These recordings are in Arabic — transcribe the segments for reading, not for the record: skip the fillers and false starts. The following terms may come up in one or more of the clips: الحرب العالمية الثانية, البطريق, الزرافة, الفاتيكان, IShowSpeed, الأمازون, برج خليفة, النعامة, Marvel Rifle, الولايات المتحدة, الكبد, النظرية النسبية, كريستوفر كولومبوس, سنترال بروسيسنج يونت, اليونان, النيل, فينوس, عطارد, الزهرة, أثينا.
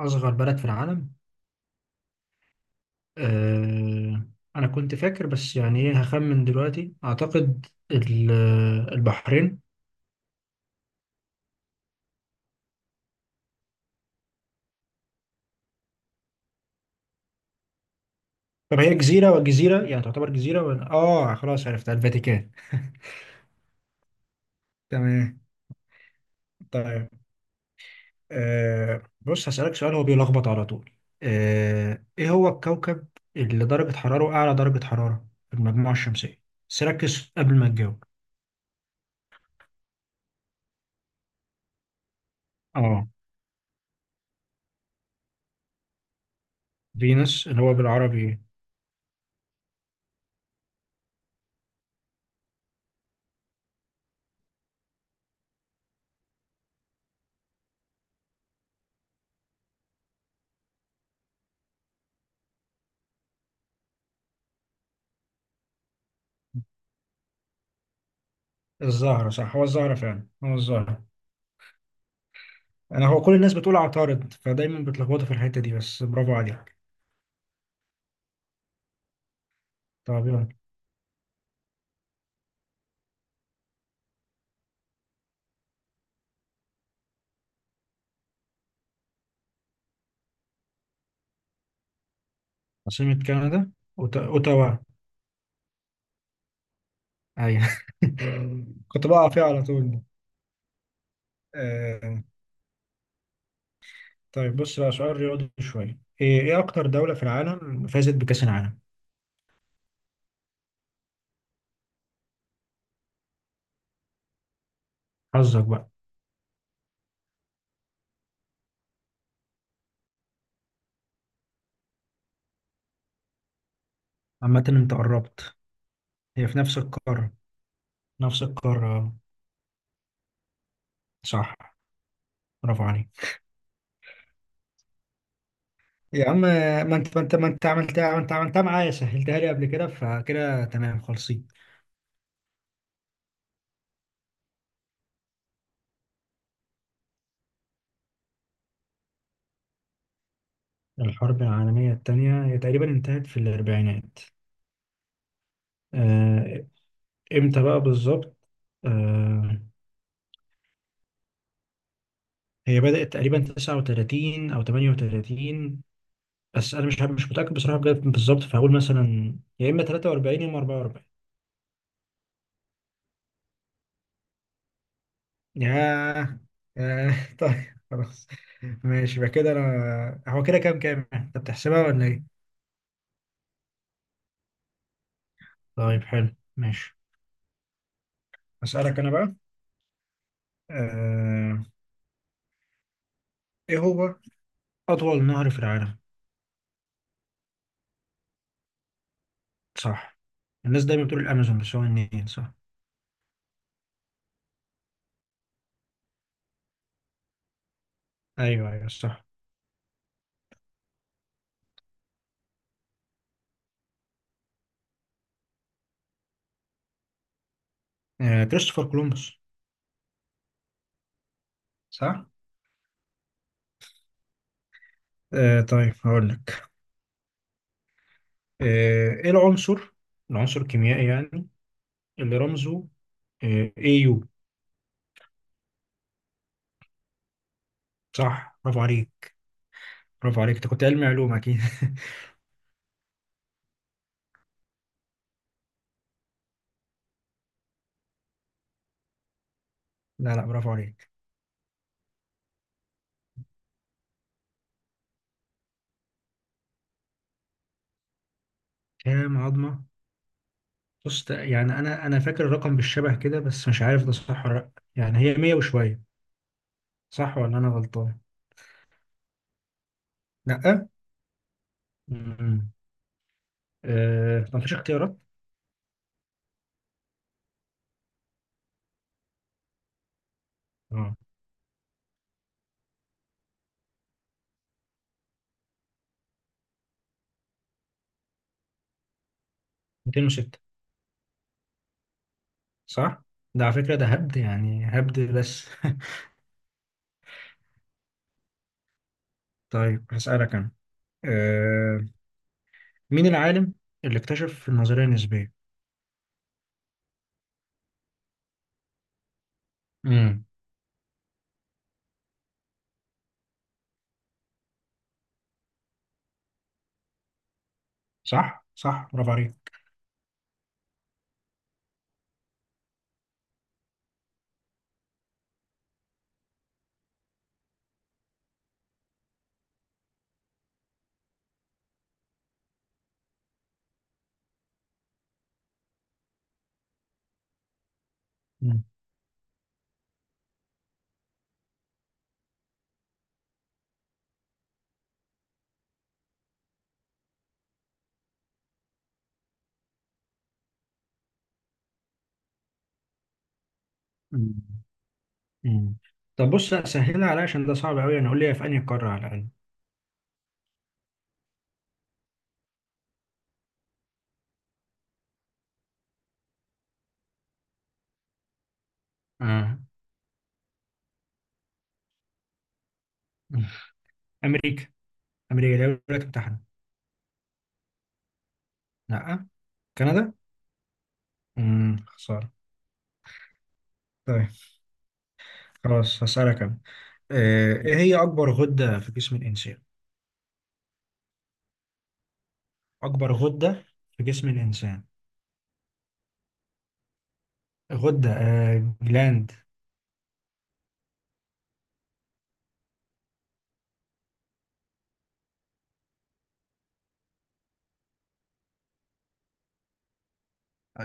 أصغر بلد في العالم. أه أنا كنت فاكر، بس يعني إيه، هخمن دلوقتي أعتقد ال- البحرين. طب هي جزيرة، وجزيرة يعني تعتبر جزيرة؟ ولا خلاص، عرفتها الفاتيكان. تمام. طيب بص، هسألك سؤال هو بيلخبط على طول. إيه هو الكوكب اللي درجة حرارة أعلى درجة حرارة في المجموعة الشمسية؟ بس ركز قبل ما تجاوب. آه فينوس اللي هو بالعربي إيه؟ الزهرة صح، هو الزهرة فعلا، هو الزهرة. انا هو كل الناس بتقول عطارد، فدايما بتلخبطوا في الحته دي، بس برافو عليك. طب يلا. عاصمة كندا. اوتاوا. ايوه. كنت بقع فيها على طول. آه. طيب بص بقى، سؤال رياضي شويه. ايه إيه اكتر دوله في العالم فازت بكاس العالم؟ حظك بقى. عامه انت قربت. هي في نفس القاره. نفس القاره. صح، برافو عليك. يا عم ما انت عملتها، ما انت عملتها معايا، سهلتها لي قبل كده، فكده تمام خالصين. الحرب العالمية التانية هي تقريبا انتهت في الأربعينات. آه، إمتى بقى بالظبط؟ آه، هي بدأت تقريبا 39 أو 38. بس أنا مش متأكد بصراحة بجد بالظبط، فهقول مثلا يا إما 43 يا إما 44. ياه. ياه طيب خلاص. ماشي، يبقى كده أنا هو كده كام؟ أنت بتحسبها ولا إيه؟ طيب حلو ماشي. أسألك أنا بقى. آه، إيه هو أطول نهر في العالم؟ صح. الناس دايما بتقول الامازون بس هو النيل. صح. ايوه، ايوه صح. كريستوفر كولومبوس. صح. طيب هقول لك. ايه العنصر، العنصر الكيميائي يعني، اللي رمزه يو؟ صح، برافو عليك. برافو عليك، انت كنت علمي علوم اكيد. لا لا برافو عليك. كام عظمه؟ بص يعني انا فاكر الرقم بالشبه كده، بس مش عارف ده صح ولا لا. يعني هي 100 وشويه. صح ولا انا غلطان؟ لا. امم. ما فيش اختيارات؟ اه 206. صح؟ ده على فكرة ده هبد، يعني هبد بس. طيب هسألك أنا. أه مين العالم اللي اكتشف النظرية النسبية؟ امم. صح؟ صح، برافو عليك. مم. مم. مم. طب بص سهلها عليا عشان ده صعب أوي، يعني قول لي في أنهي قارة على الأقل. آه. مم. أمريكا. أمريكا دي الولايات المتحدة؟ لأ. كندا؟ خسارة. طيب خلاص هسألك أنا. إيه هي أكبر غدة في جسم الإنسان؟ أكبر غدة في جسم الإنسان، غدة جلاند.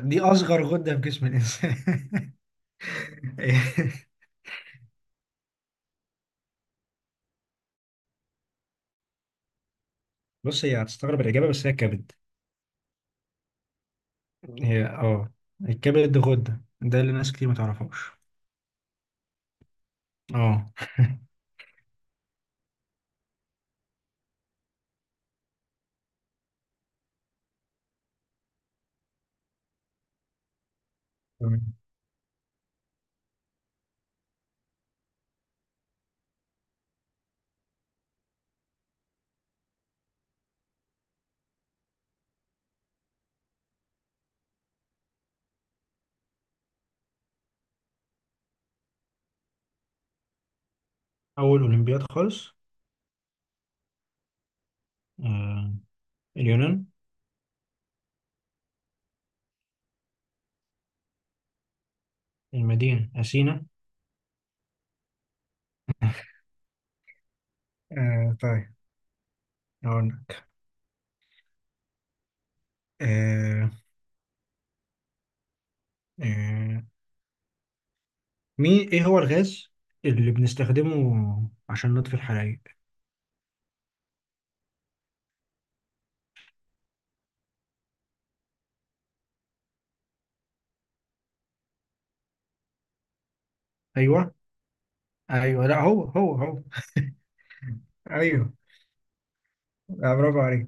دي اصغر غده في جسم الانسان. بص هي هتستغرب الاجابه، بس هي الكبد. هي الكبد غده، ده اللي ناس كتير ما تعرفوش. اه. تمام. اول اولمبياد خالص. آه. اليونان. المدينه اثينا. آه. طيب هقول لك. آه. آه. مين ايه هو الغاز اللي بنستخدمه عشان نطفي الحرايق؟ ايوه. ايوه لا هو. ايوه. لا برافو عليك.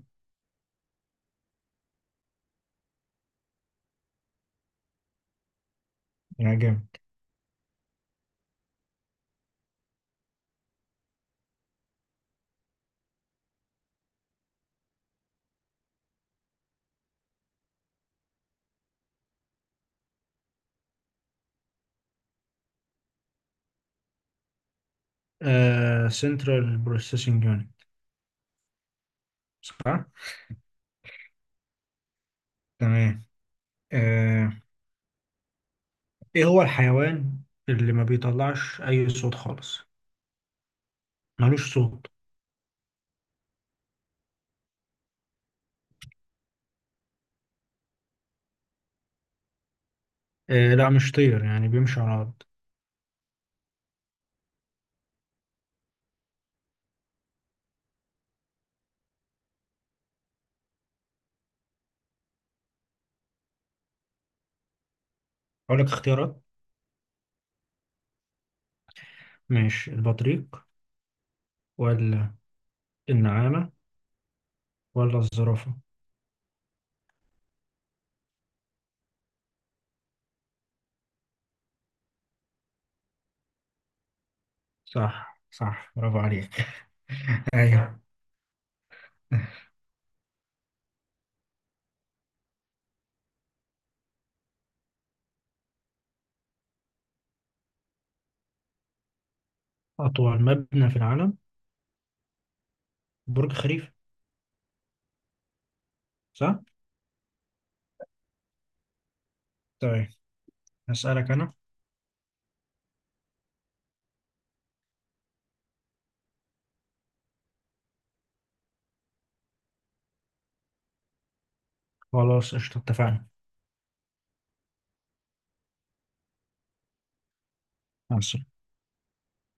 يا جامد. سنترال بروسيسنج يونت. صح؟ تمام. آه، ايه هو الحيوان اللي ما بيطلعش اي صوت خالص، ملوش صوت؟ لا مش طير، يعني بيمشي على الارض. اقول لك اختيارات. ماشي، البطريق ولا النعامة ولا الزرافة؟ صح، صح، برافو عليك. ايوه. اطول مبنى في العالم؟ برج خليفة. صح؟ طيب هسألك انا. خلاص قشطة اتفقنا. مع السلامة.